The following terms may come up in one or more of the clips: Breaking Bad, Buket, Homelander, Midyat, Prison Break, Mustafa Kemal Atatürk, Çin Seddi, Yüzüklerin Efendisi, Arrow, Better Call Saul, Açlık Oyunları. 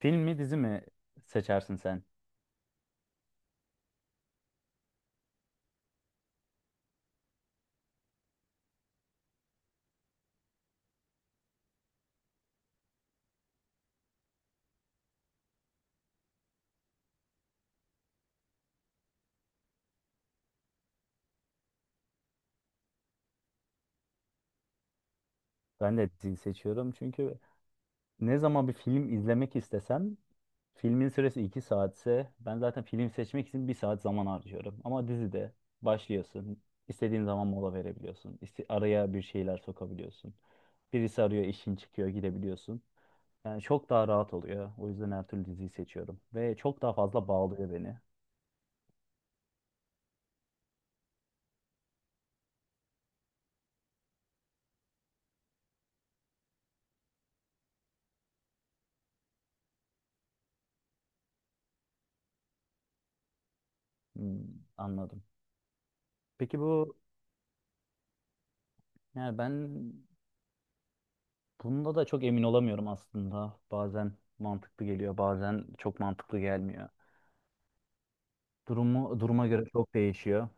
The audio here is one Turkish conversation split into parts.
Film mi dizi mi seçersin sen? Ben de dizi seçiyorum çünkü ne zaman bir film izlemek istesem filmin süresi 2 saatse ben zaten film seçmek için bir saat zaman harcıyorum. Ama dizide başlıyorsun. İstediğin zaman mola verebiliyorsun. Araya bir şeyler sokabiliyorsun. Birisi arıyor, işin çıkıyor, gidebiliyorsun. Yani çok daha rahat oluyor. O yüzden her türlü diziyi seçiyorum. Ve çok daha fazla bağlıyor beni. Hmm, anladım. Peki bu, yani ben bunda da çok emin olamıyorum aslında. Bazen mantıklı geliyor, bazen çok mantıklı gelmiyor. Durumu duruma göre çok değişiyor.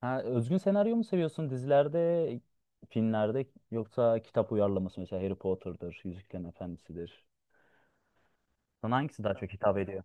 Ha, özgün senaryo mu seviyorsun dizilerde, filmlerde, yoksa kitap uyarlaması, mesela Harry Potter'dır, Yüzüklerin Efendisi'dir. Sana hangisi daha çok hitap ediyor?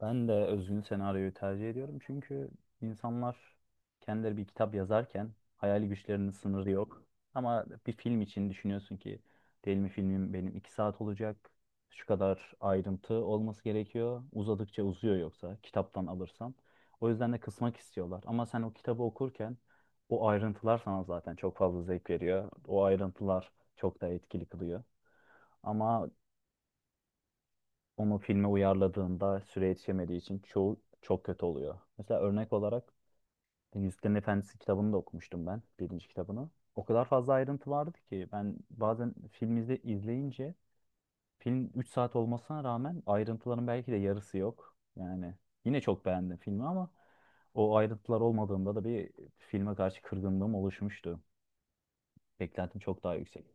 Ben de özgün senaryoyu tercih ediyorum çünkü insanlar kendileri bir kitap yazarken hayal güçlerinin sınırı yok. Ama bir film için düşünüyorsun ki, değil mi, filmim benim iki saat olacak, şu kadar ayrıntı olması gerekiyor. Uzadıkça uzuyor yoksa kitaptan alırsan. O yüzden de kısmak istiyorlar. Ama sen o kitabı okurken o ayrıntılar sana zaten çok fazla zevk veriyor. O ayrıntılar çok da etkili kılıyor. Ama onu filme uyarladığında süre yetişemediği için çoğu çok kötü oluyor. Mesela örnek olarak Yüzüklerin Efendisi kitabını da okumuştum ben, birinci kitabını. O kadar fazla ayrıntı vardı ki ben bazen izleyince, film 3 saat olmasına rağmen ayrıntıların belki de yarısı yok. Yani yine çok beğendim filmi ama o ayrıntılar olmadığında da bir filme karşı kırgınlığım oluşmuştu. Beklentim çok daha yüksek.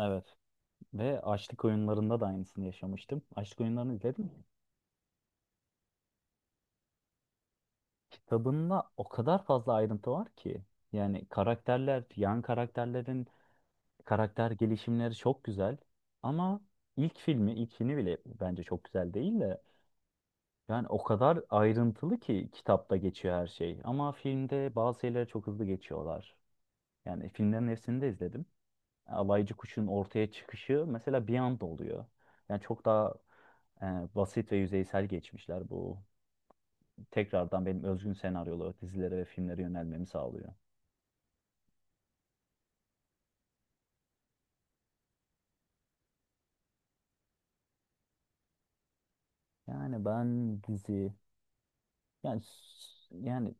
Evet. Ve Açlık Oyunları'nda da aynısını yaşamıştım. Açlık Oyunları'nı izledin mi? Kitabında o kadar fazla ayrıntı var ki. Yani karakterler, yan karakterlerin karakter gelişimleri çok güzel. Ama ilk filmi, ilkini bile bence çok güzel değil de. Yani o kadar ayrıntılı ki kitapta geçiyor her şey. Ama filmde bazı şeyleri çok hızlı geçiyorlar. Yani filmlerin hepsini de izledim. Alaycı Kuş'un ortaya çıkışı mesela bir anda oluyor. Yani çok daha e, basit ve yüzeysel geçmişler. Bu, tekrardan benim özgün senaryolu dizilere ve filmlere yönelmemi sağlıyor. Yani ben dizi yani s- yani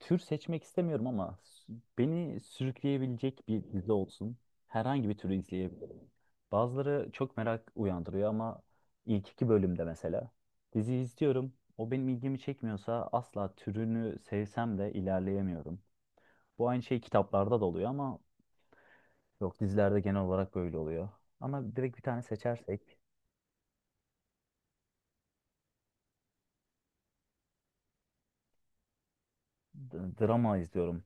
tür seçmek istemiyorum ama beni sürükleyebilecek bir dizi olsun. Herhangi bir türü izleyebilirim. Bazıları çok merak uyandırıyor ama ilk iki bölümde mesela dizi izliyorum. O benim ilgimi çekmiyorsa asla, türünü sevsem de, ilerleyemiyorum. Bu aynı şey kitaplarda da oluyor ama yok, dizilerde genel olarak böyle oluyor. Ama direkt bir tane seçersek drama izliyorum.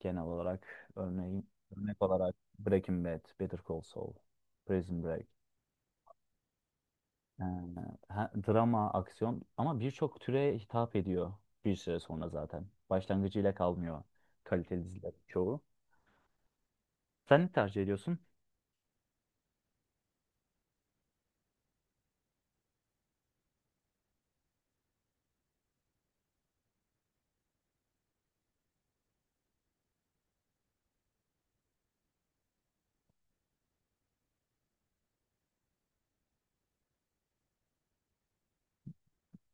Genel olarak örneğin, örnek olarak Breaking Bad, Better Call Saul, Prison Break. Ee, Drama, aksiyon, ama birçok türe hitap ediyor bir süre sonra zaten. Başlangıcıyla kalmıyor kaliteli diziler çoğu. Sen ne tercih ediyorsun?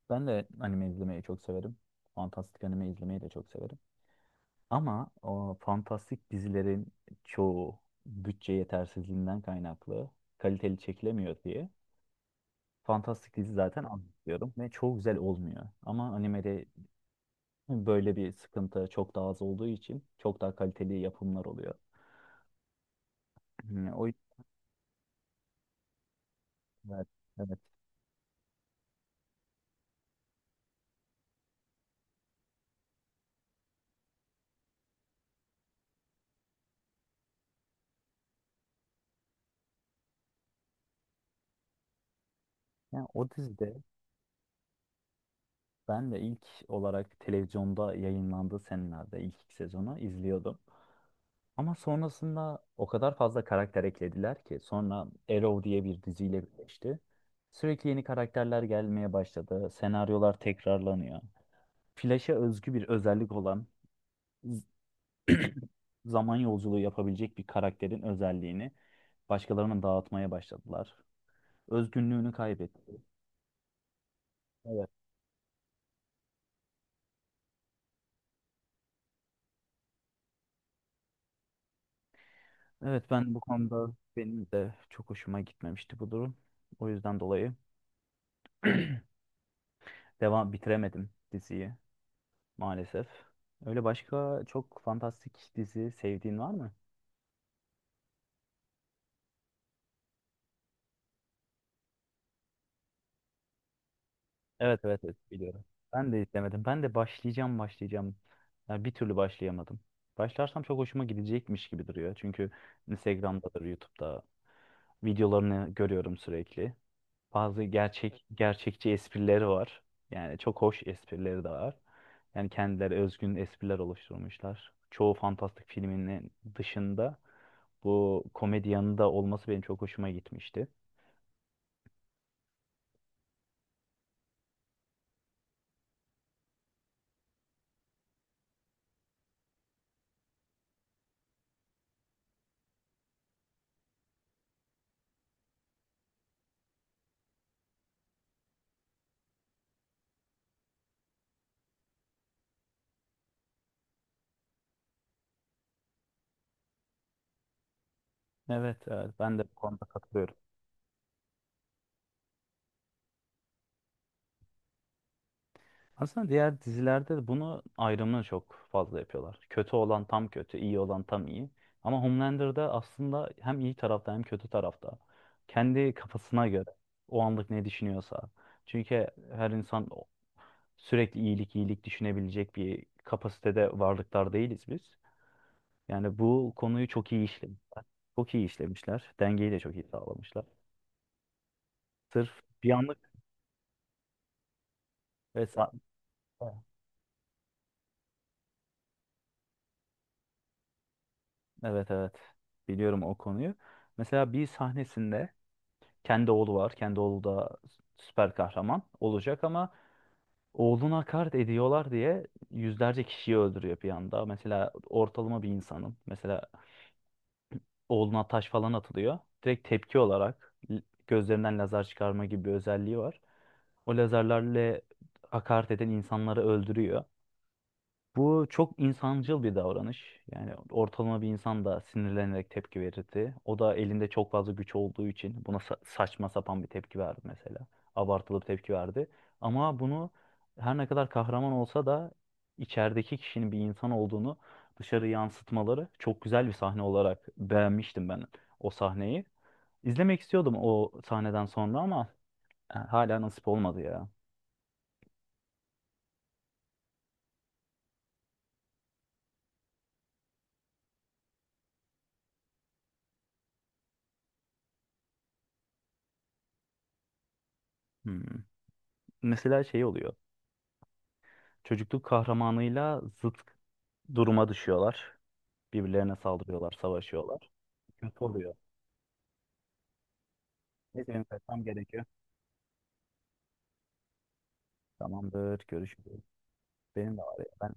Ben de anime izlemeyi çok severim. Fantastik anime izlemeyi de çok severim. Ama o fantastik dizilerin çoğu bütçe yetersizliğinden kaynaklı kaliteli çekilemiyor diye, fantastik dizi zaten anlıyorum ve çok güzel olmuyor. Ama animede böyle bir sıkıntı çok daha az olduğu için çok daha kaliteli yapımlar oluyor. Yani o evet, evet. Yani o dizide ben de ilk olarak televizyonda yayınlandığı senelerde ilk iki sezonu izliyordum. Ama sonrasında o kadar fazla karakter eklediler ki sonra Arrow diye bir diziyle birleşti. Sürekli yeni karakterler gelmeye başladı. Senaryolar tekrarlanıyor. Flash'a özgü bir özellik olan z- zaman yolculuğu yapabilecek bir karakterin özelliğini başkalarına dağıtmaya başladılar. Özgünlüğünü kaybetti. Evet. Evet, ben bu konuda, benim de çok hoşuma gitmemişti bu durum. O yüzden dolayı bitiremedim diziyi maalesef. Öyle başka çok fantastik dizi sevdiğin var mı? Evet, evet, evet, biliyorum. Ben de istemedim. Ben de başlayacağım, başlayacağım. Ya bir türlü başlayamadım. Başlarsam çok hoşuma gidecekmiş gibi duruyor. Çünkü Instagram'dadır, YouTube'da videolarını görüyorum sürekli. Bazı gerçekçi esprileri var. Yani çok hoş esprileri de var. Yani kendileri özgün espriler oluşturmuşlar. Çoğu fantastik filminin dışında bu komedi yanında olması benim çok hoşuma gitmişti. Evet, evet, ben de bu konuda katılıyorum. Aslında diğer dizilerde de bunu, ayrımını çok fazla yapıyorlar. Kötü olan tam kötü, iyi olan tam iyi. Ama Homelander'da aslında hem iyi tarafta hem kötü tarafta. Kendi kafasına göre o anlık ne düşünüyorsa. Çünkü her insan sürekli iyilik, iyilik düşünebilecek bir kapasitede varlıklar değiliz biz. Yani bu konuyu çok iyi işlemişler. Çok iyi işlemişler. Dengeyi de çok iyi sağlamışlar. Sırf bir anlık ve sa- evet, evet. Biliyorum o konuyu. Mesela bir sahnesinde kendi oğlu var. Kendi oğlu da süper kahraman olacak ama oğluna hakaret ediyorlar diye yüzlerce kişiyi öldürüyor bir anda. Mesela ortalama bir insanın mesela oğluna taş falan atılıyor. Direkt tepki olarak gözlerinden lazer çıkarma gibi bir özelliği var. O lazerlerle hakaret eden insanları öldürüyor. Bu çok insancıl bir davranış. Yani ortalama bir insan da sinirlenerek tepki verirdi. O da elinde çok fazla güç olduğu için buna saçma sapan bir tepki verdi mesela. Abartılı bir tepki verdi. Ama bunu, her ne kadar kahraman olsa da, içerideki kişinin bir insan olduğunu dışarı yansıtmaları çok güzel bir sahne olarak beğenmiştim ben o sahneyi. İzlemek istiyordum o sahneden sonra ama hala nasip olmadı ya. Hmm. Mesela şey oluyor. Çocukluk kahramanıyla zıt duruma düşüyorlar. Birbirlerine saldırıyorlar, savaşıyorlar. Kötü oluyor. Neyse, benim kaçmam gerekiyor. Tamamdır, görüşürüz. Benim de var ya. Ben